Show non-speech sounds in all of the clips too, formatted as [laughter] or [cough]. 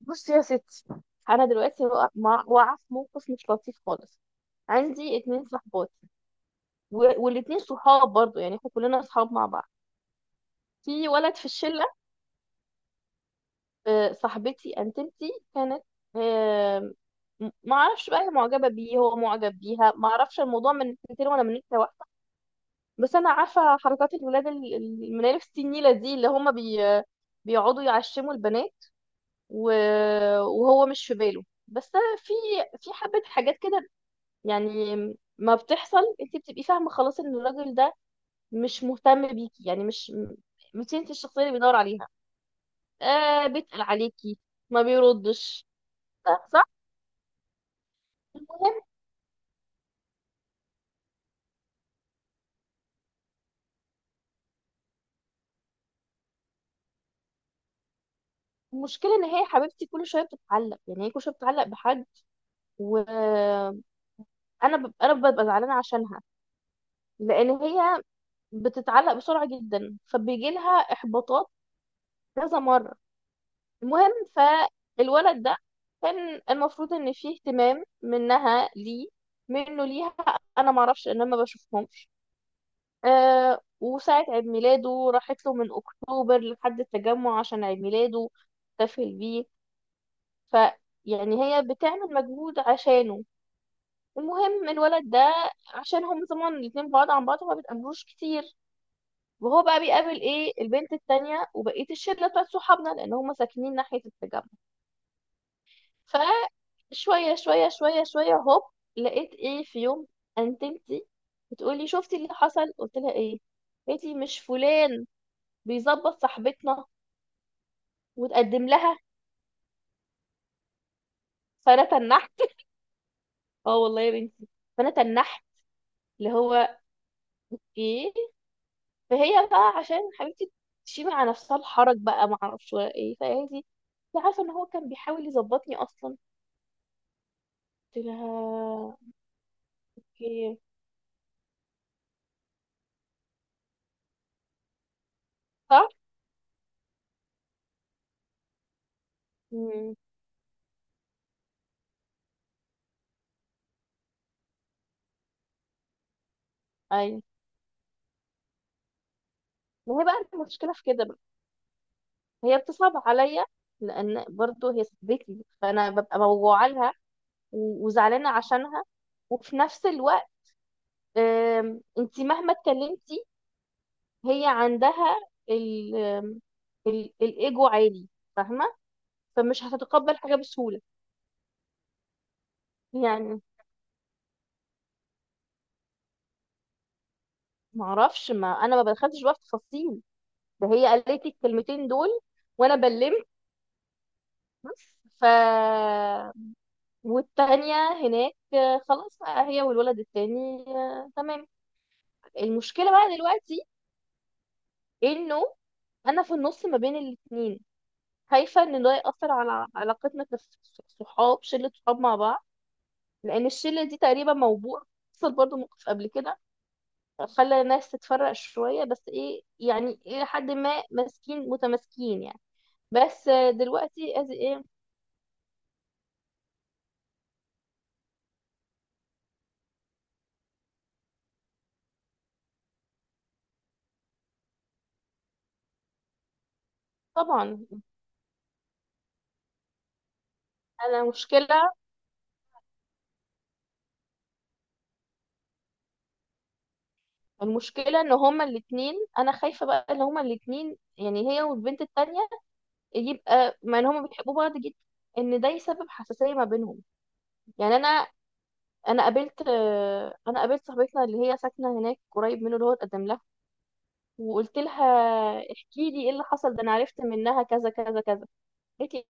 بصي يا ستي، انا دلوقتي واقعه في موقف مش لطيف خالص. عندي اتنين صحبات، و- والاتنين صحاب برضو، يعني احنا كلنا صحاب مع بعض. في ولد في الشله. صاحبتي انتمتي كانت. آه، ما اعرفش بقى هي معجبه بيه، هو معجب بيها، ما اعرفش الموضوع من ناحيتين ولا من ناحيه واحده. بس انا عارفه حركات الولاد المنالف السنيله دي اللي هما بيقعدوا يعشموا البنات. و- وهو مش في باله، بس أنا في حبه حاجات كده يعني. ما بتحصل، انت بتبقي فاهمه خلاص ان الراجل ده مش مهتم بيكي، يعني مش انت الشخصيه اللي بيدور عليها. بيتقل عليكي، ما بيردش، صح صح؟ المهم. المشكله ان هي حبيبتي كل شويه بتتعلق، يعني هي كل شويه بتتعلق بحد. وانا ب... انا ببقى زعلانه عشانها، لان هي بتتعلق بسرعه جدا فبيجي لها احباطات كذا مره. المهم فالولد ده، كان المفروض ان فيه اهتمام منها ليه، منه ليها. انا معرفش ان انا ما بشوفهمش. وساعة عيد ميلاده راحت له من اكتوبر لحد التجمع عشان عيد ميلاده احتفل بيه. ف يعني هي بتعمل مجهود عشانه. المهم الولد ده، عشان هم طبعا الاتنين بعاد عن بعض، ما بيتقابلوش كتير. وهو بقى بيقابل ايه البنت التانية وبقية الشلة بتاعت صحابنا، لان هم ساكنين ناحية التجمع. فشوية شوية شوية شوية هوب، لقيت ايه في يوم، انتمتي بتقولي شفتي اللي حصل، قلت لها ايه، قالت لي مش فلان بيظبط صاحبتنا وتقدم لها. فانا تنحت. [laughs] اه والله يا بنتي، فانا تنحت، اللي هو ايه. فهي بقى عشان حبيبتي، تشيل على نفسها الحرج بقى، ما اعرفش ولا ايه، فقالت لي انت عارفه ان هو كان بيحاول يظبطني اصلا. قلت لها ايه. صح. امم. ايوه. ما هي بقى المشكله في كده. هي بتصعب عليا، لان برضو هي صاحبتي فانا ببقى موجوعه لها و- وزعلانه عشانها. وفي نفس الوقت، انت مهما اتكلمتي هي عندها ال آم، الايجو عالي، فاهمه. فمش هتتقبل حاجه بسهوله. يعني ما اعرفش، ما انا ما بدخلتش بقى في تفاصيل. ده هي قالت لي الكلمتين دول وانا بلمت بس. والتانية هناك، خلاص بقى، هي والولد التاني، تمام. المشكلة بقى دلوقتي انه انا في النص ما بين الاتنين. خايفة ان ده يأثر على علاقتنا كصحاب، شلة صحاب مع بعض. لان الشلة دي تقريبا موضوع. حصل برضو موقف قبل كده خلى الناس تتفرق شوية، بس ايه يعني، الى حد ما ماسكين متماسكين يعني. بس دلوقتي از ايه. طبعا. انا مشكلة المشكلة ان هما الاتنين، انا خايفة بقى ان هما الاتنين يعني هي والبنت التانية، يبقى مع ان هما بيحبوا بعض جدا، ان ده يسبب حساسيه ما بينهم. يعني انا قابلت صاحبتنا اللي هي ساكنه هناك قريب منه، اللي هو اتقدم لها. وقلت لها احكي لي ايه اللي حصل ده، انا عرفت منها كذا كذا كذا. قالت لي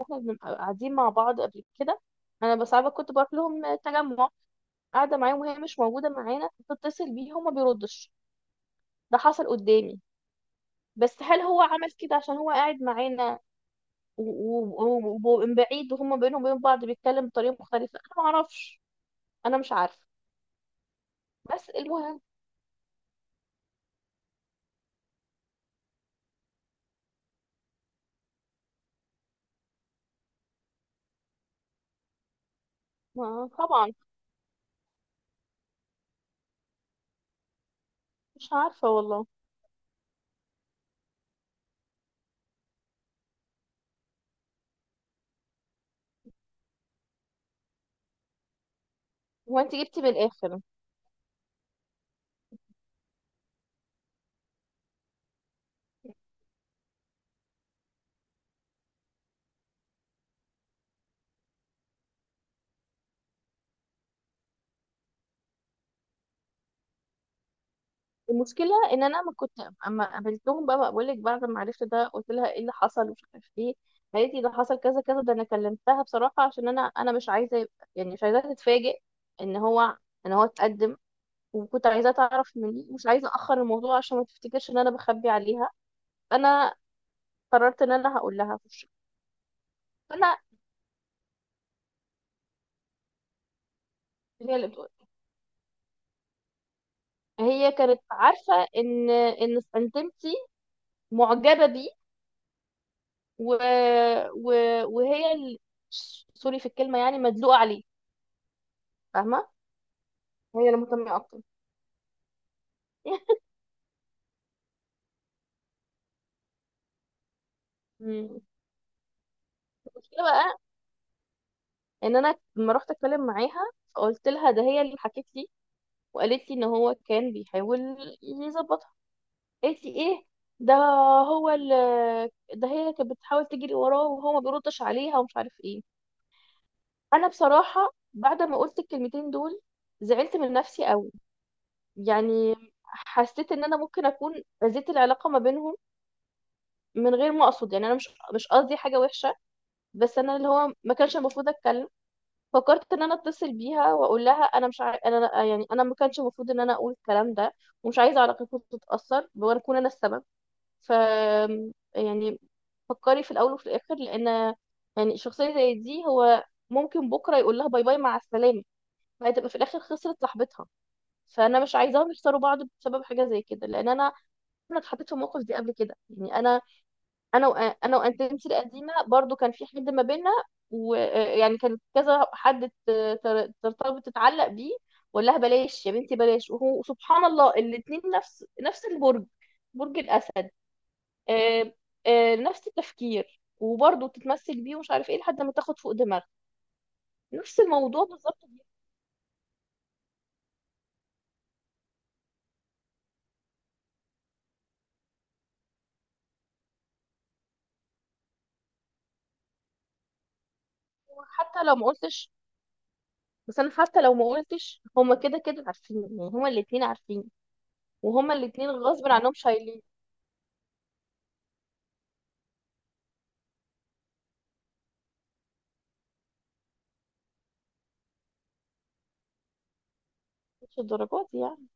إحنا بنبقى قاعدين مع بعض قبل كده. انا بس عارفة كنت بروح لهم تجمع، قاعده معاهم وهي مش موجوده معانا، بتتصل بيه هو ما بيردش، ده حصل قدامي. بس هل هو عمل كده عشان هو قاعد معانا و- و- ومن بعيد وهم بينهم وبين بعض بيتكلم بطريقة مختلفة، انا ما اعرفش. انا مش عارفة. بس المهم. ما طبعا. مش عارفة والله. هو انت جبتي من الاخر. المشكلة ان انا ما كنت. اما قابلتهم بقى، بقول لك، بعد ما عرفت ده قلت لها ايه اللي حصل ومش عارف ايه. قالت لي ده حصل كذا كذا. ده انا كلمتها بصراحة عشان انا مش عايزة يعني مش عايزاها تتفاجئ ان هو ان هو اتقدم. وكنت عايزاها تعرف مني، مش عايزة اخر الموضوع عشان ما تفتكرش ان انا بخبي عليها. انا قررت ان انا هقول لها. فانا هي اللي بتقول هي كانت عارفه ان انتمتي معجبه بيه. و... و... وهي ال... سوري في الكلمه، يعني مدلوقه عليه، فاهمه. هي اللي مهتمه اكتر. [laughs] مم. المشكله بقى ان انا لما رحت اتكلم معاها فقلت لها ده، هي اللي حكت لي. وقالت لي ان هو كان بيحاول يظبطها، قالت لي ايه، ده هو اللي ده هي كانت بتحاول تجري وراه وهو ما بيردش عليها ومش عارف ايه. انا بصراحه بعد ما قلت الكلمتين دول زعلت من نفسي قوي، يعني حسيت ان انا ممكن اكون اذيت العلاقه ما بينهم من غير ما اقصد. يعني انا مش قصدي حاجه وحشه. بس انا، اللي هو، ما كانش المفروض اتكلم. فكرت ان انا اتصل بيها واقول لها انا مش عاي... انا يعني انا ما كانش المفروض ان انا اقول الكلام ده. ومش عايزه علاقتكم تتاثر وانا اكون انا السبب. ف يعني، فكري في الاول وفي الاخر، لان يعني شخصيه زي دي هو ممكن بكره يقول لها باي باي مع السلامه. فهتبقى في الاخر خسرت صاحبتها، فانا مش عايزاهم يخسروا بعض بسبب حاجه زي كده. لان انا اتحطيت في الموقف دي قبل كده. يعني انا، انا وانتمتي القديمه برضو كان في حد ما بينا. ويعني كان كذا حد ترتبط تتعلق بيه. وقال لها بلاش يا بنتي بلاش. وهو سبحان الله، الاتنين نفس نفس البرج، برج الاسد. آه، نفس التفكير وبرضه تتمثل بيه ومش عارف ايه لحد ما تاخد فوق دماغها، نفس الموضوع بالظبط بيكون. حتى لو ما قلتش. بس انا حتى لو ما قلتش، هما كده كده عارفين، يعني هما الاتنين عارفين. وهما الاتنين غصب عنهم شايلين. مش الدرجات دي يعني.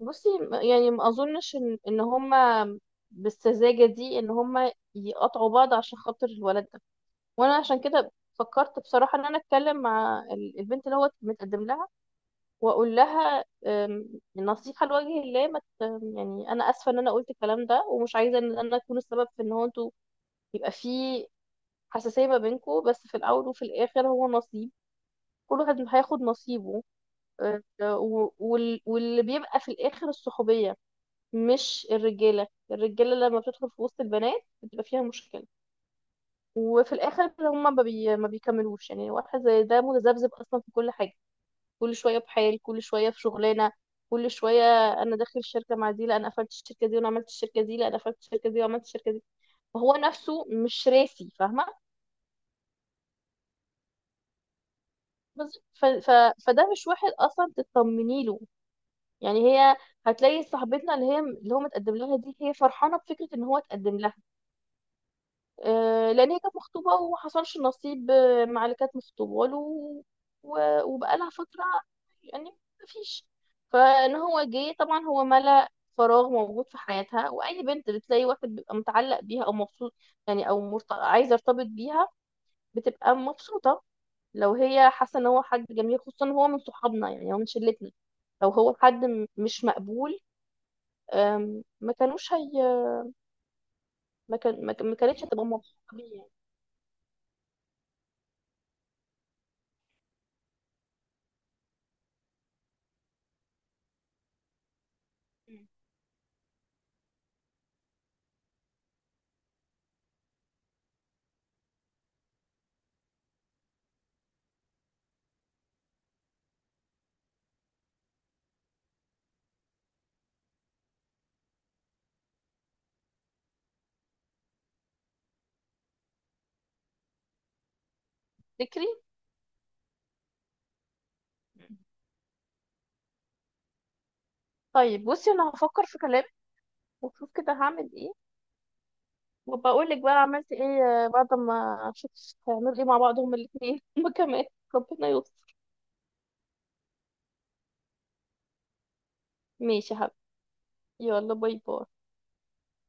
بصي، يعني ما اظنش ان هما بالسذاجه دي ان هما يقطعوا بعض عشان خاطر الولد ده. وانا عشان كده فكرت بصراحه ان انا اتكلم مع البنت اللي هو متقدم لها. واقول لها نصيحه لوجه الله، ما ت- يعني انا اسفه ان انا قلت الكلام ده. ومش عايزه ان انا اكون السبب في ان هو انتوا يبقى في حساسية ما بينكوا. بس في الأول وفي الآخر هو نصيب، كل واحد هياخد نصيبه. آه، و- وال- واللي بيبقى في الآخر الصحوبية. مش الرجالة لما بتدخل في وسط البنات بتبقى فيها مشكلة. وفي الآخر هم ما بيكملوش، يعني واحد زي ده متذبذب أصلا في كل حاجة. كل شوية بحال، كل شوية في شغلانة، كل شوية أنا داخل الشركة مع دي، لا أنا قفلت الشركة دي وأنا عملت الشركة دي، لا أنا قفلت الشركة دي وعملت الشركة دي. فهو نفسه مش راسي، فاهمة. بالظبط. فده مش واحد اصلا تطمني له. يعني هي هتلاقي صاحبتنا اللي هي اللي هو متقدم لها دي، هي فرحانه بفكره ان هو اتقدم لها. لان هي كانت مخطوبه وما حصلش نصيب مع اللي كانت مخطوبه له. و... وبقالها فتره يعني مفيش. فان هو جه، طبعا هو ملأ فراغ موجود في حياتها. واي بنت بتلاقي واحد بيبقى متعلق بيها او مبسوط يعني، او عايزه ارتبط بيها، بتبقى مبسوطه. لو هي حاسه ان هو حد جميل، خصوصا إن هو من صحابنا، يعني هو من شلتنا. لو هو حد مش مقبول، أم، ما كانوش هي ما كان ما كان- ما كانتش هتبقى مبسوطه بيه يعني. مم. تفتكري. مم. طيب بصي، انا هفكر في كلامك واشوف كده هعمل ايه، وبقول لك بقى عملت ايه بعد ما اشوف هيعملوا ايه مع بعض هما الاثنين. [laughs] هما كمان، ربنا يستر. ماشي يا حبيبي. يلا باي باي.